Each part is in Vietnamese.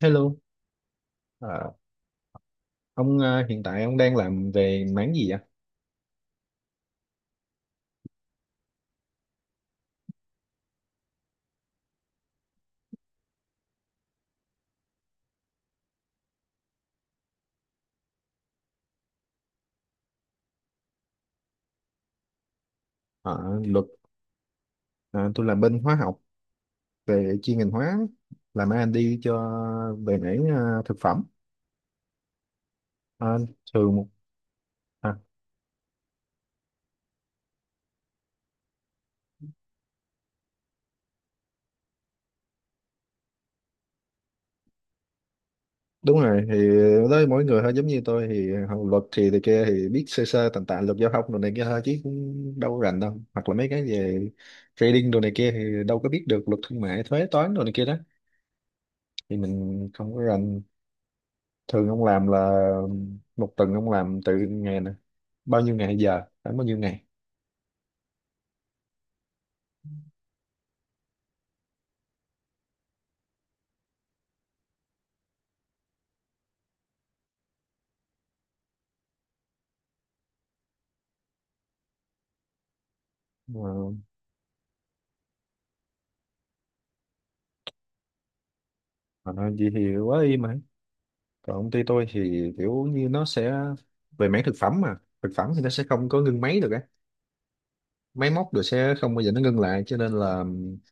Hello, ờ, ông hiện tại ông đang làm về mảng gì vậy? Ờ, Luật. Ờ, tôi làm bên hóa học, về chuyên ngành hóa, làm R&D cho, về mảng thực phẩm. Ờ, thường một, à, Đúng rồi, thì đó mỗi người thôi, giống như tôi thì học luật thì kia thì biết sơ sơ tàn tạ luật giao thông đồ này kia thôi chứ cũng đâu rành đâu. Hoặc là mấy cái về trading đồ này kia thì đâu có biết được luật thương mại, thuế toán đồ này kia đó. Thì mình không có rành. Thường ông làm là một tuần ông làm từ ngày nè, bao nhiêu ngày giờ đến bao nhiêu ngày? Mà mà nói vậy thì quá y. Mà còn công ty tôi thì kiểu như nó sẽ về mảng thực phẩm, mà thực phẩm thì nó sẽ không có ngưng máy được á, máy móc được sẽ không bao giờ nó ngưng lại, cho nên là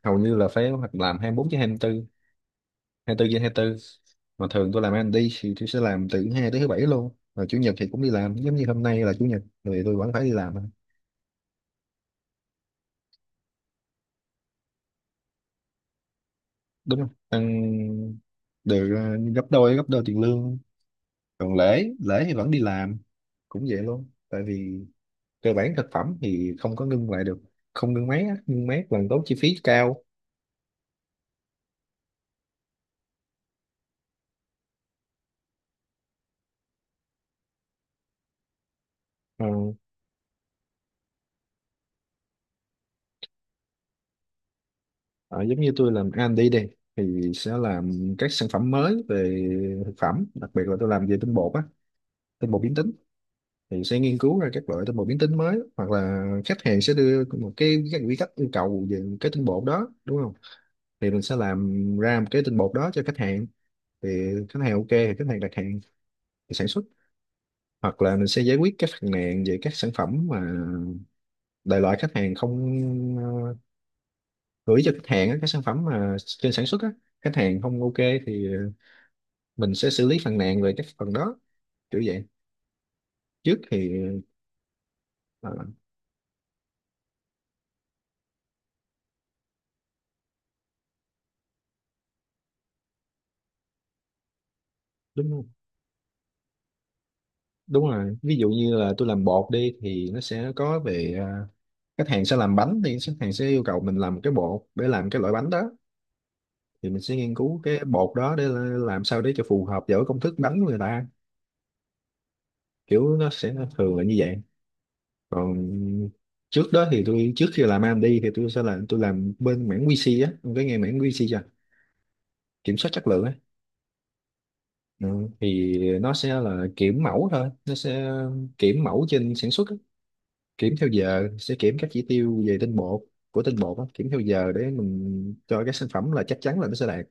hầu như là phải hoặc làm 24 trên 24, 24 trên 24. Mà thường tôi làm ăn đi thì tôi sẽ làm từ thứ hai tới thứ bảy luôn, và chủ nhật thì cũng đi làm, giống như hôm nay là chủ nhật thì tôi vẫn phải đi làm. Đúng không ăn, được gấp đôi, gấp đôi tiền lương. Còn lễ lễ thì vẫn đi làm, cũng vậy luôn, tại vì cơ bản thực phẩm thì không có ngưng lại được, không ngưng máy á, ngưng máy càng tốn chi phí cao. ờ, ờ, Giống như tôi làm R&D đi đi thì sẽ làm các sản phẩm mới về thực phẩm, đặc biệt là tôi làm về tinh bột á, tinh bột biến tính, thì sẽ nghiên cứu ra các loại tinh bột biến tính mới. Hoặc là khách hàng sẽ đưa một cái, các quy cách yêu cầu về cái tinh bột đó đúng không, thì mình sẽ làm ra một cái tinh bột đó cho khách hàng. Thì khách hàng ok thì khách hàng đặt hàng, thì sản xuất. Hoặc là mình sẽ giải quyết các phàn nàn về các sản phẩm mà đại loại khách hàng không, ờ, gửi cho khách hàng á, các sản phẩm mà trên sản xuất á khách hàng không ok thì mình sẽ xử lý phàn nàn về các phần đó, kiểu vậy. Trước thì ờ, đúng, đúng rồi. Ví dụ như là tôi làm bột đi thì nó sẽ có về khách hàng sẽ làm bánh, thì khách hàng sẽ yêu cầu mình làm cái bột để làm cái loại bánh đó, thì mình sẽ nghiên cứu cái bột đó để làm sao để cho phù hợp với công thức bánh của người ta, kiểu nó sẽ thường là như vậy. Còn trước đó thì tôi, trước khi làm AMD thì tôi sẽ làm, tôi làm bên mảng QC á, ông có nghe mảng QC chưa, kiểm soát chất lượng á? Ừ. Thì nó sẽ là kiểm mẫu thôi, nó sẽ kiểm mẫu trên sản xuất á, kiểm theo giờ, sẽ kiểm các chỉ tiêu về tinh bột, của tinh bột á, kiểm theo giờ để mình cho cái sản phẩm là chắc chắn là nó sẽ đạt.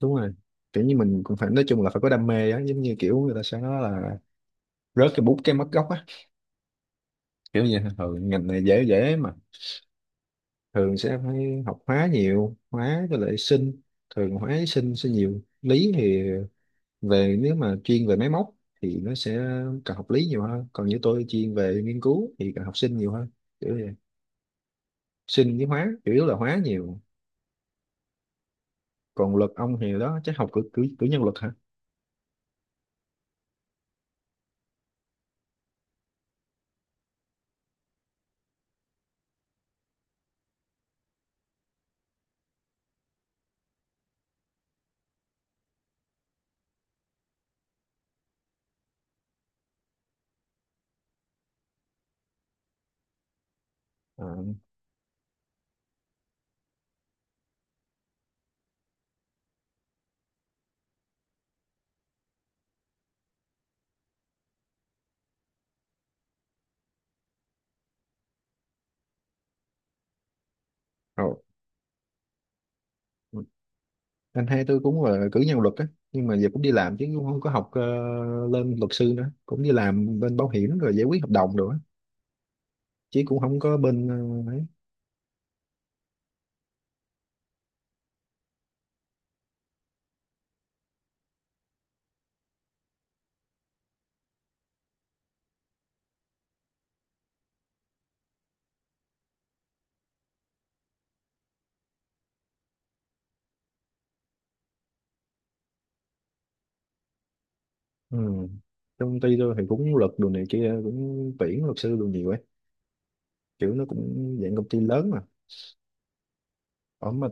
Đúng rồi, kiểu như mình cũng phải, nói chung là phải có đam mê á, giống như kiểu người ta sẽ nói là rớt cái bút cái mất gốc á, kiểu như thường ngành này dễ dễ mà, thường sẽ phải học hóa nhiều, hóa với lại sinh, thường hóa với sinh sẽ nhiều. Lý thì về, nếu mà chuyên về máy móc thì nó sẽ cần học lý nhiều hơn, còn như tôi chuyên về nghiên cứu thì cần học sinh nhiều hơn, kiểu vậy. Sinh với hóa, chủ yếu là hóa nhiều. Còn luật ông thì đó chắc học cử, cử nhân luật hả? à, Rồi. Anh hai tôi cũng là cử nhân luật á, nhưng mà giờ cũng đi làm, chứ cũng không có học lên luật sư nữa, cũng đi làm bên bảo hiểm rồi giải quyết hợp đồng rồi á, chứ cũng không có bên ấy. Ừ. Trong công ty tôi thì cũng luật đồ này kia cũng tuyển luật sư đồ nhiều ấy, kiểu nó cũng dạng công ty lớn mà, ở mà.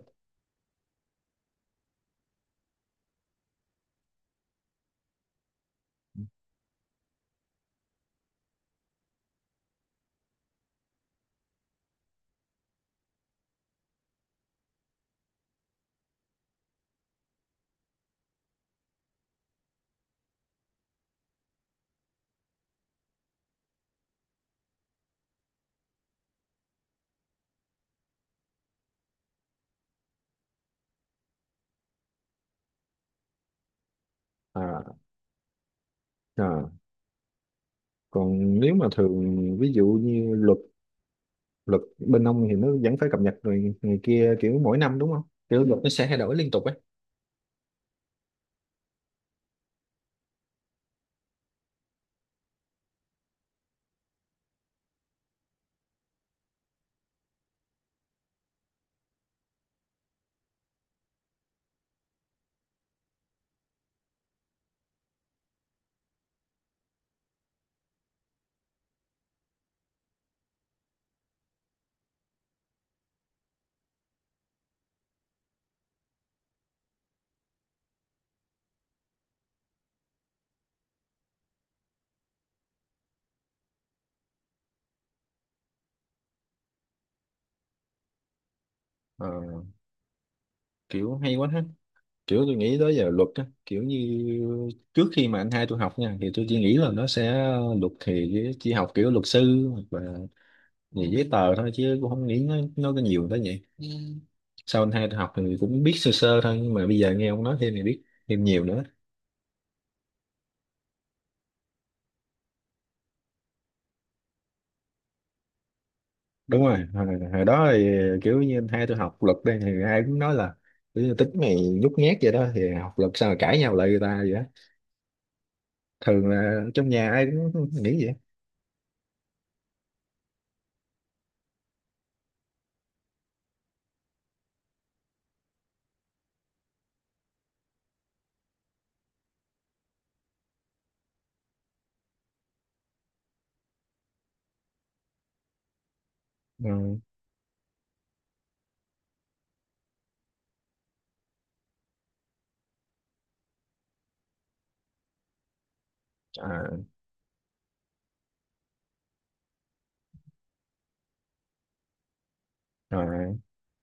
à, à. Còn nếu mà thường ví dụ như luật luật bên ông thì nó vẫn phải cập nhật rồi người kia kiểu mỗi năm đúng không, kiểu luật nó sẽ thay đổi liên tục ấy. Ờ, Kiểu hay quá ha, kiểu tôi nghĩ tới giờ luật á, kiểu như trước khi mà anh hai tôi học nha thì tôi chỉ nghĩ là nó sẽ, luật thì chỉ học kiểu luật sư hoặc là về giấy tờ thôi, chứ cũng không nghĩ nó có nhiều tới vậy. Sau anh hai tôi học thì cũng biết sơ sơ thôi, nhưng mà bây giờ nghe ông nói thêm thì biết thêm nhiều nữa. Đúng rồi, hồi đó thì kiểu như anh hai tôi học luật đây thì ai cũng nói là kiểu như tính mày nhút nhát vậy đó, thì học luật sao mà cãi nhau lại người ta vậy á, thường là trong nhà ai cũng nghĩ vậy. Ừ. à, à,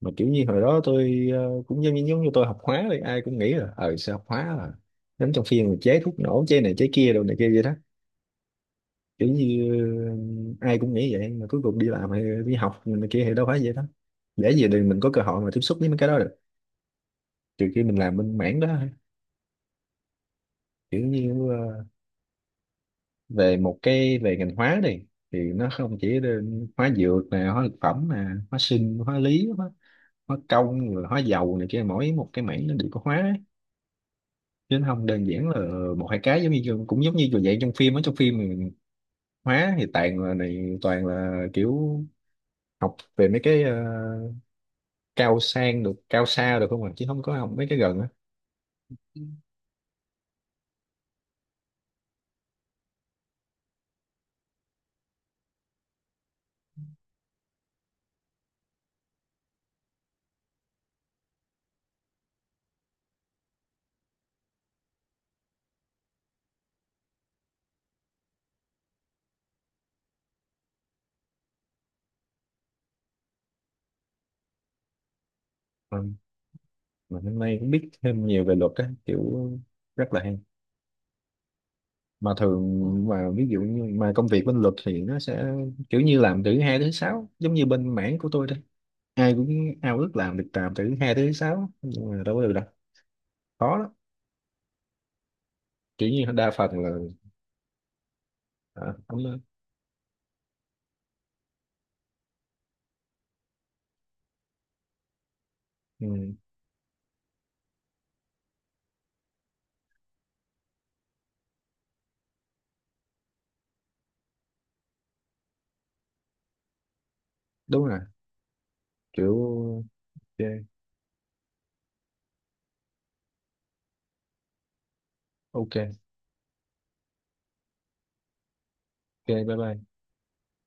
mà kiểu như hồi đó tôi cũng giống như, giống như tôi học hóa đi ai cũng nghĩ là sao học hóa là đến trong phim mà chế thuốc nổ chế này chế kia đồ này kia vậy đó, kiểu như ai cũng nghĩ vậy, mà cuối cùng đi làm hay đi học này kia thì đâu phải vậy đó, để gì để mình có cơ hội mà tiếp xúc với mấy cái đó được, trừ khi mình làm bên mảng đó thôi. Kiểu như về một cái về ngành hóa đi thì nó không chỉ là hóa dược nè, hóa thực phẩm nè, hóa sinh, hóa lý, hóa, hóa công rồi hóa dầu này kia, mỗi một cái mảng nó đều có hóa ấy. Chứ nó không đơn giản là một hai cái, giống như cũng giống như vậy trong phim, ở trong phim thì hóa thì toàn là này, toàn là kiểu học về mấy cái cao sang được, cao xa được không ạ, chứ không có học mấy cái gần á. Ừ. Ừ. Mà hôm nay cũng biết thêm nhiều về luật á, kiểu rất là hay. Mà thường Mà ví dụ như mà công việc bên luật thì nó sẽ kiểu như làm từ thứ hai tới thứ sáu, giống như bên mảng của tôi đây, ai cũng ao ước làm được làm từ thứ hai tới thứ sáu nhưng mà đâu có được đâu, khó lắm. Kiểu như đa phần là, à, không, ừ, đúng rồi, kiểu ok, ok, ok, bye bye.